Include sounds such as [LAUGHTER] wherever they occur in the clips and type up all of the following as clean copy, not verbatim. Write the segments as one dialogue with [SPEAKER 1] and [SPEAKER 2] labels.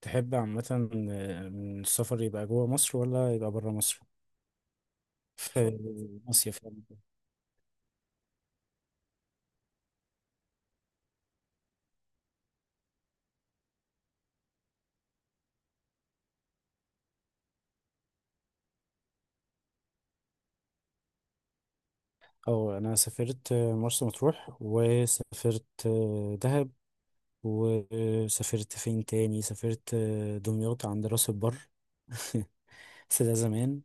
[SPEAKER 1] تحب عامة، من السفر يبقى جوه مصر ولا يبقى بره مصر؟ في مصيف يعني. أو أنا سافرت مرسى مطروح، وسافرت دهب، وسافرت فين تاني؟ سافرت دمياط عند راس البر [LAUGHS] بس ده زمان.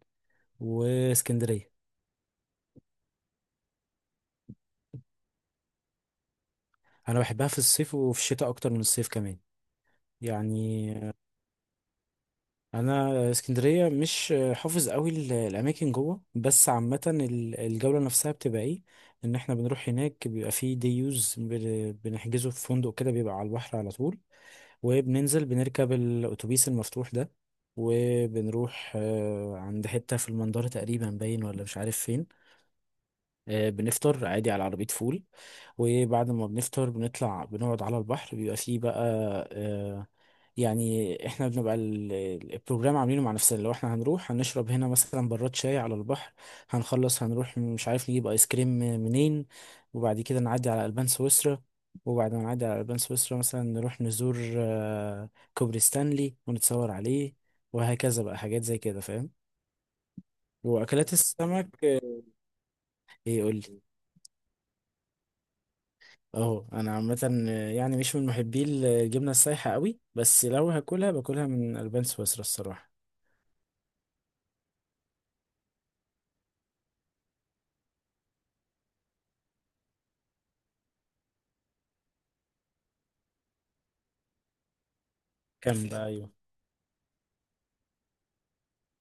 [SPEAKER 1] واسكندرية، أنا بحبها في الصيف وفي الشتاء أكتر من الصيف كمان يعني. انا اسكندريه مش حافظ قوي الاماكن جوه، بس عامه الجوله نفسها بتبقى ايه؟ ان احنا بنروح هناك بيبقى فيه دي يوز بنحجزه في فندق كده بيبقى على البحر على طول، وبننزل بنركب الاتوبيس المفتوح ده، وبنروح عند حته في المنظره تقريبا باين ولا مش عارف فين. بنفطر عادي على عربيه فول، وبعد ما بنفطر بنطلع بنقعد على البحر بيبقى فيه بقى. آه، يعني احنا بنبقى البروجرام عاملينه مع نفسنا. لو احنا هنروح هنشرب هنا مثلا براد شاي على البحر، هنخلص هنروح مش عارف نجيب ايس كريم منين، وبعد كده نعدي على البان سويسرا، وبعد ما نعدي على البان سويسرا مثلا نروح نزور كوبري ستانلي ونتصور عليه، وهكذا بقى حاجات زي كده فاهم. واكلات السمك ايه قول لي. اهو انا عامه يعني مش من محبي الجبنه السايحه قوي، بس لو هاكلها باكلها من البان سويسرا الصراحه. كم بقى؟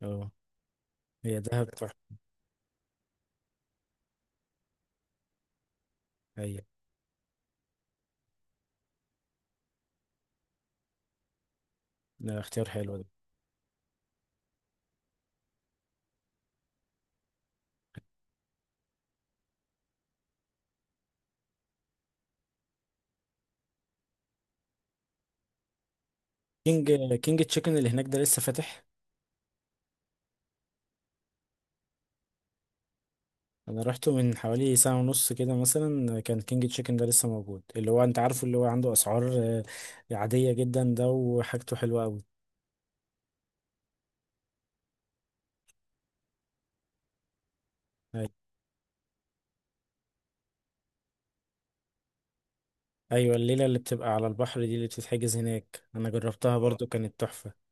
[SPEAKER 1] ايوه. هي دهب تحفة. هي ده اختيار حلو ده. كينج تشيكن اللي هناك ده لسه فاتح؟ انا رحته من حوالي ساعة ونص كده، مثلا كان كينج تشيكن ده لسه موجود، اللي هو انت عارفه اللي هو عنده اسعار عادية جدا، ده وحاجته حلوة قوي. ايوه، الليلة اللي بتبقى على البحر دي اللي بتتحجز هناك انا جربتها برضو، كانت تحفة.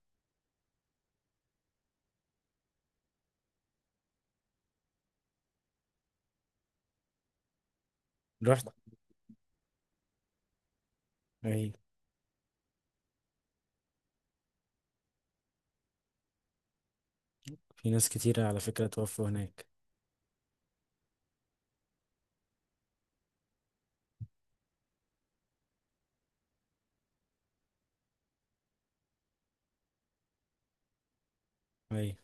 [SPEAKER 1] رحت. ايوه. في ناس كتيرة على فكرة توفوا هناك. ايوه.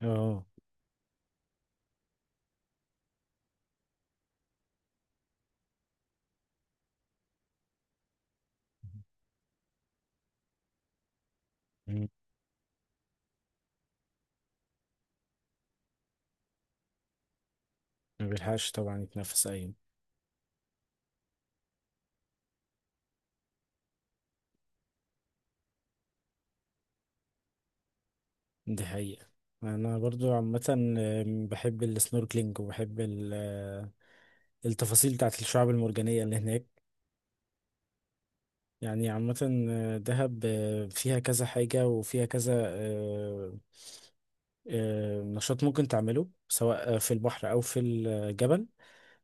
[SPEAKER 1] اه. مم. ما بيلحقش طبعا يتنفس، ايوه. دي حقيقة. أنا برضو عامة بحب السنوركلينج وبحب التفاصيل بتاعت الشعاب المرجانية اللي هناك. يعني عامة دهب فيها كذا حاجة وفيها كذا، نشاط ممكن تعمله سواء في البحر أو في الجبل.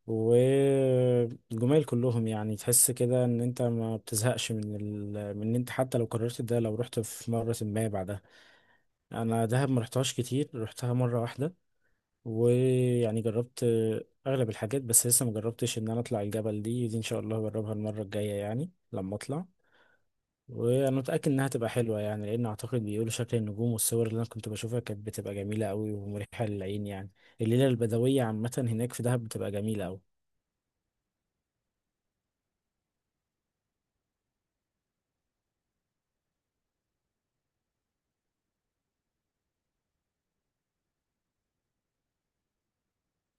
[SPEAKER 1] والجمال كلهم، يعني تحس كده إن أنت ما بتزهقش من إن أنت، حتى لو قررت ده لو رحت في مرة ما بعدها. أنا دهب ما رحتهاش كتير، رحتها مرة واحدة، ويعني جربت اغلب الحاجات. بس لسه ما جربتش ان انا اطلع الجبل دي، دي ان شاء الله هجربها المره الجايه يعني لما اطلع. وانا متاكد انها تبقى حلوه، يعني لان اعتقد بيقولوا شكل النجوم والصور اللي انا كنت بشوفها كانت بتبقى جميله قوي ومريحه للعين يعني. الليله البدويه عامه هناك في دهب بتبقى جميله قوي.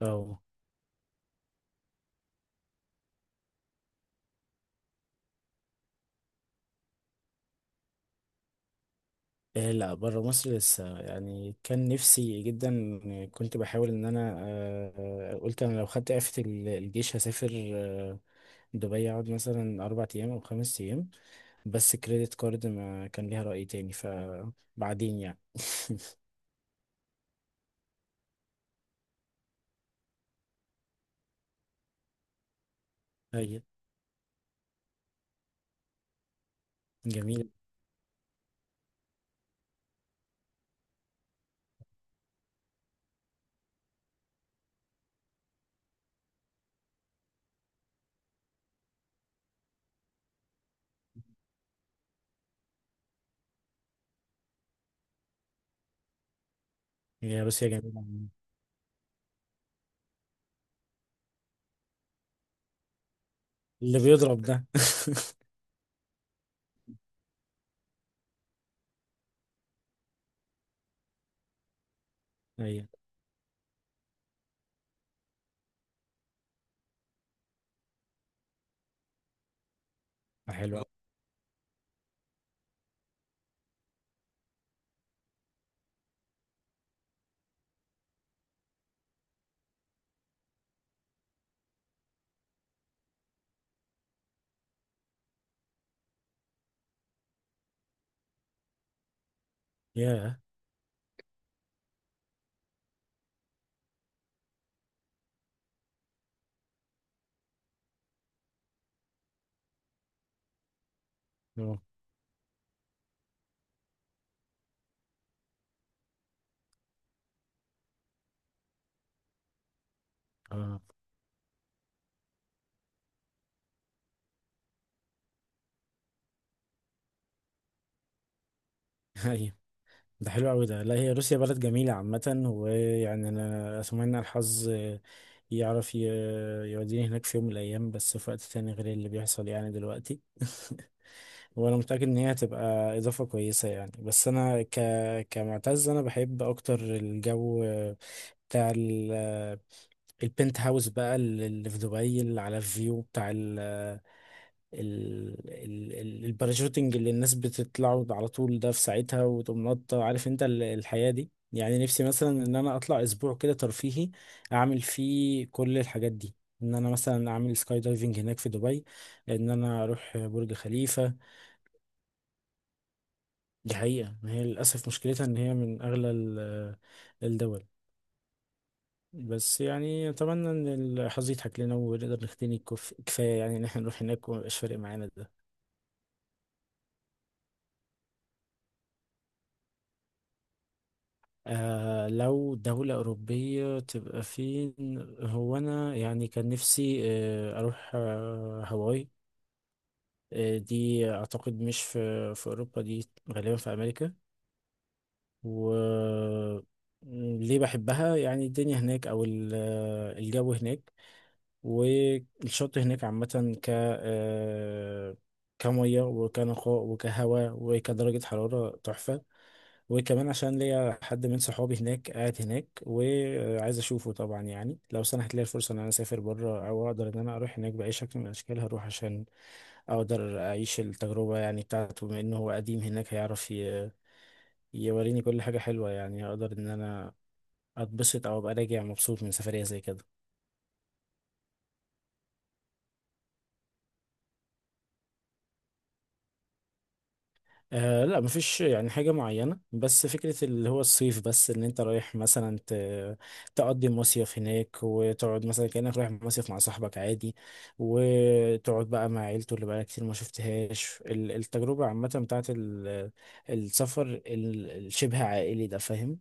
[SPEAKER 1] اه. إيه، لا، بره مصر لسه، يعني كان نفسي جدا. كنت بحاول ان انا، قلت انا لو خدت اعفة الجيش هسافر آه، دبي، اقعد مثلا 4 ايام او 5 ايام. بس كريدت كارد ما كان ليها رأي تاني فبعدين يعني. [LAUGHS] أيوة. جميل. يا روسيا جميلة عموماً. اللي بيضرب ده. [LAUGHS] أيوة. ده حلو آه. يا. اه. آه. أيوة. ده حلو أوي ده. لا، هي روسيا بلد جميلة عامة، ويعني أنا أتمنى الحظ يعرف يوديني هناك في يوم من الأيام، بس في وقت تاني غير اللي بيحصل يعني دلوقتي. [LAUGHS] وانا متاكد ان هي هتبقى اضافه كويسه يعني، بس انا كمعتز انا بحب اكتر الجو بتاع البنت هاوس بقى اللي في دبي، اللي على الفيو بتاع الباراشوتنج، اللي الناس بتطلعوا على طول ده في ساعتها وتقوم نطة، عارف انت الحياه دي. يعني نفسي مثلا ان انا اطلع اسبوع كده ترفيهي، اعمل فيه كل الحاجات دي. ان انا مثلا اعمل سكاي دايفنج هناك في دبي، ان انا اروح برج خليفة. دي حقيقة، ما هي للأسف مشكلتها إن هي من أغلى الدول. بس يعني أتمنى إن الحظ يضحك لنا ونقدر نغتني كفاية، يعني إن إحنا نروح هناك وميبقاش فارق معانا ده. لو دولة أوروبية تبقى فين؟ هو أنا يعني كان نفسي أروح هاواي. دي أعتقد مش في أوروبا، دي غالبا في أمريكا. و، ليه بحبها؟ يعني الدنيا هناك أو الجو هناك والشط هناك عامة، ك آه، كمية وكنقاء وكهواء وكدرجة حرارة تحفة. وكمان عشان ليا حد من صحابي هناك قاعد هناك وعايز أشوفه، طبعا يعني لو سنحت لي الفرصة إن أنا أسافر بره أو أقدر إن أنا أروح هناك بأي شكل من الأشكال هروح، عشان أقدر أعيش التجربة يعني بتاعته، بما إنه هو قديم هناك هيعرف يوريني كل حاجة حلوة، يعني هقدر إن أنا أتبسط أو أبقى راجع مبسوط من سفرية زي كده. آه لا، مفيش يعني حاجة معينة، بس فكرة اللي هو الصيف، بس ان انت رايح مثلا تقضي مصيف هناك وتقعد مثلا كأنك رايح مصيف مع صاحبك عادي، وتقعد بقى مع عيلته اللي بقى كتير ما شفتهاش، التجربة عامة بتاعت السفر الشبه عائلي ده فاهم.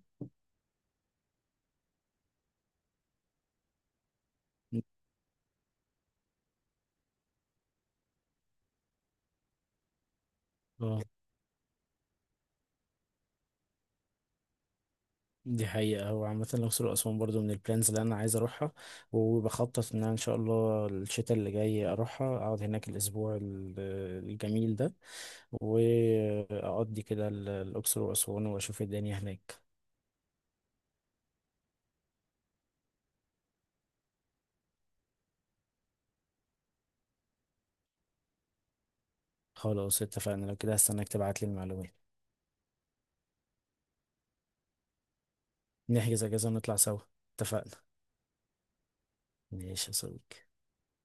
[SPEAKER 1] اه، دي حقيقة. هو عامة الأقصر وأسوان برضو من البلانز اللي أنا عايز أروحها، وبخطط إن أنا إن شاء الله الشتاء اللي جاي أروحها أقعد هناك الأسبوع الجميل ده، واقضي كده الاقصر واسوان واشوف الدنيا هناك. خلاص اتفقنا، لو كده هستناك تبعت لي المعلومات. نحجز اجازة ونطلع سوا. اتفقنا. ماشي يا صديقي.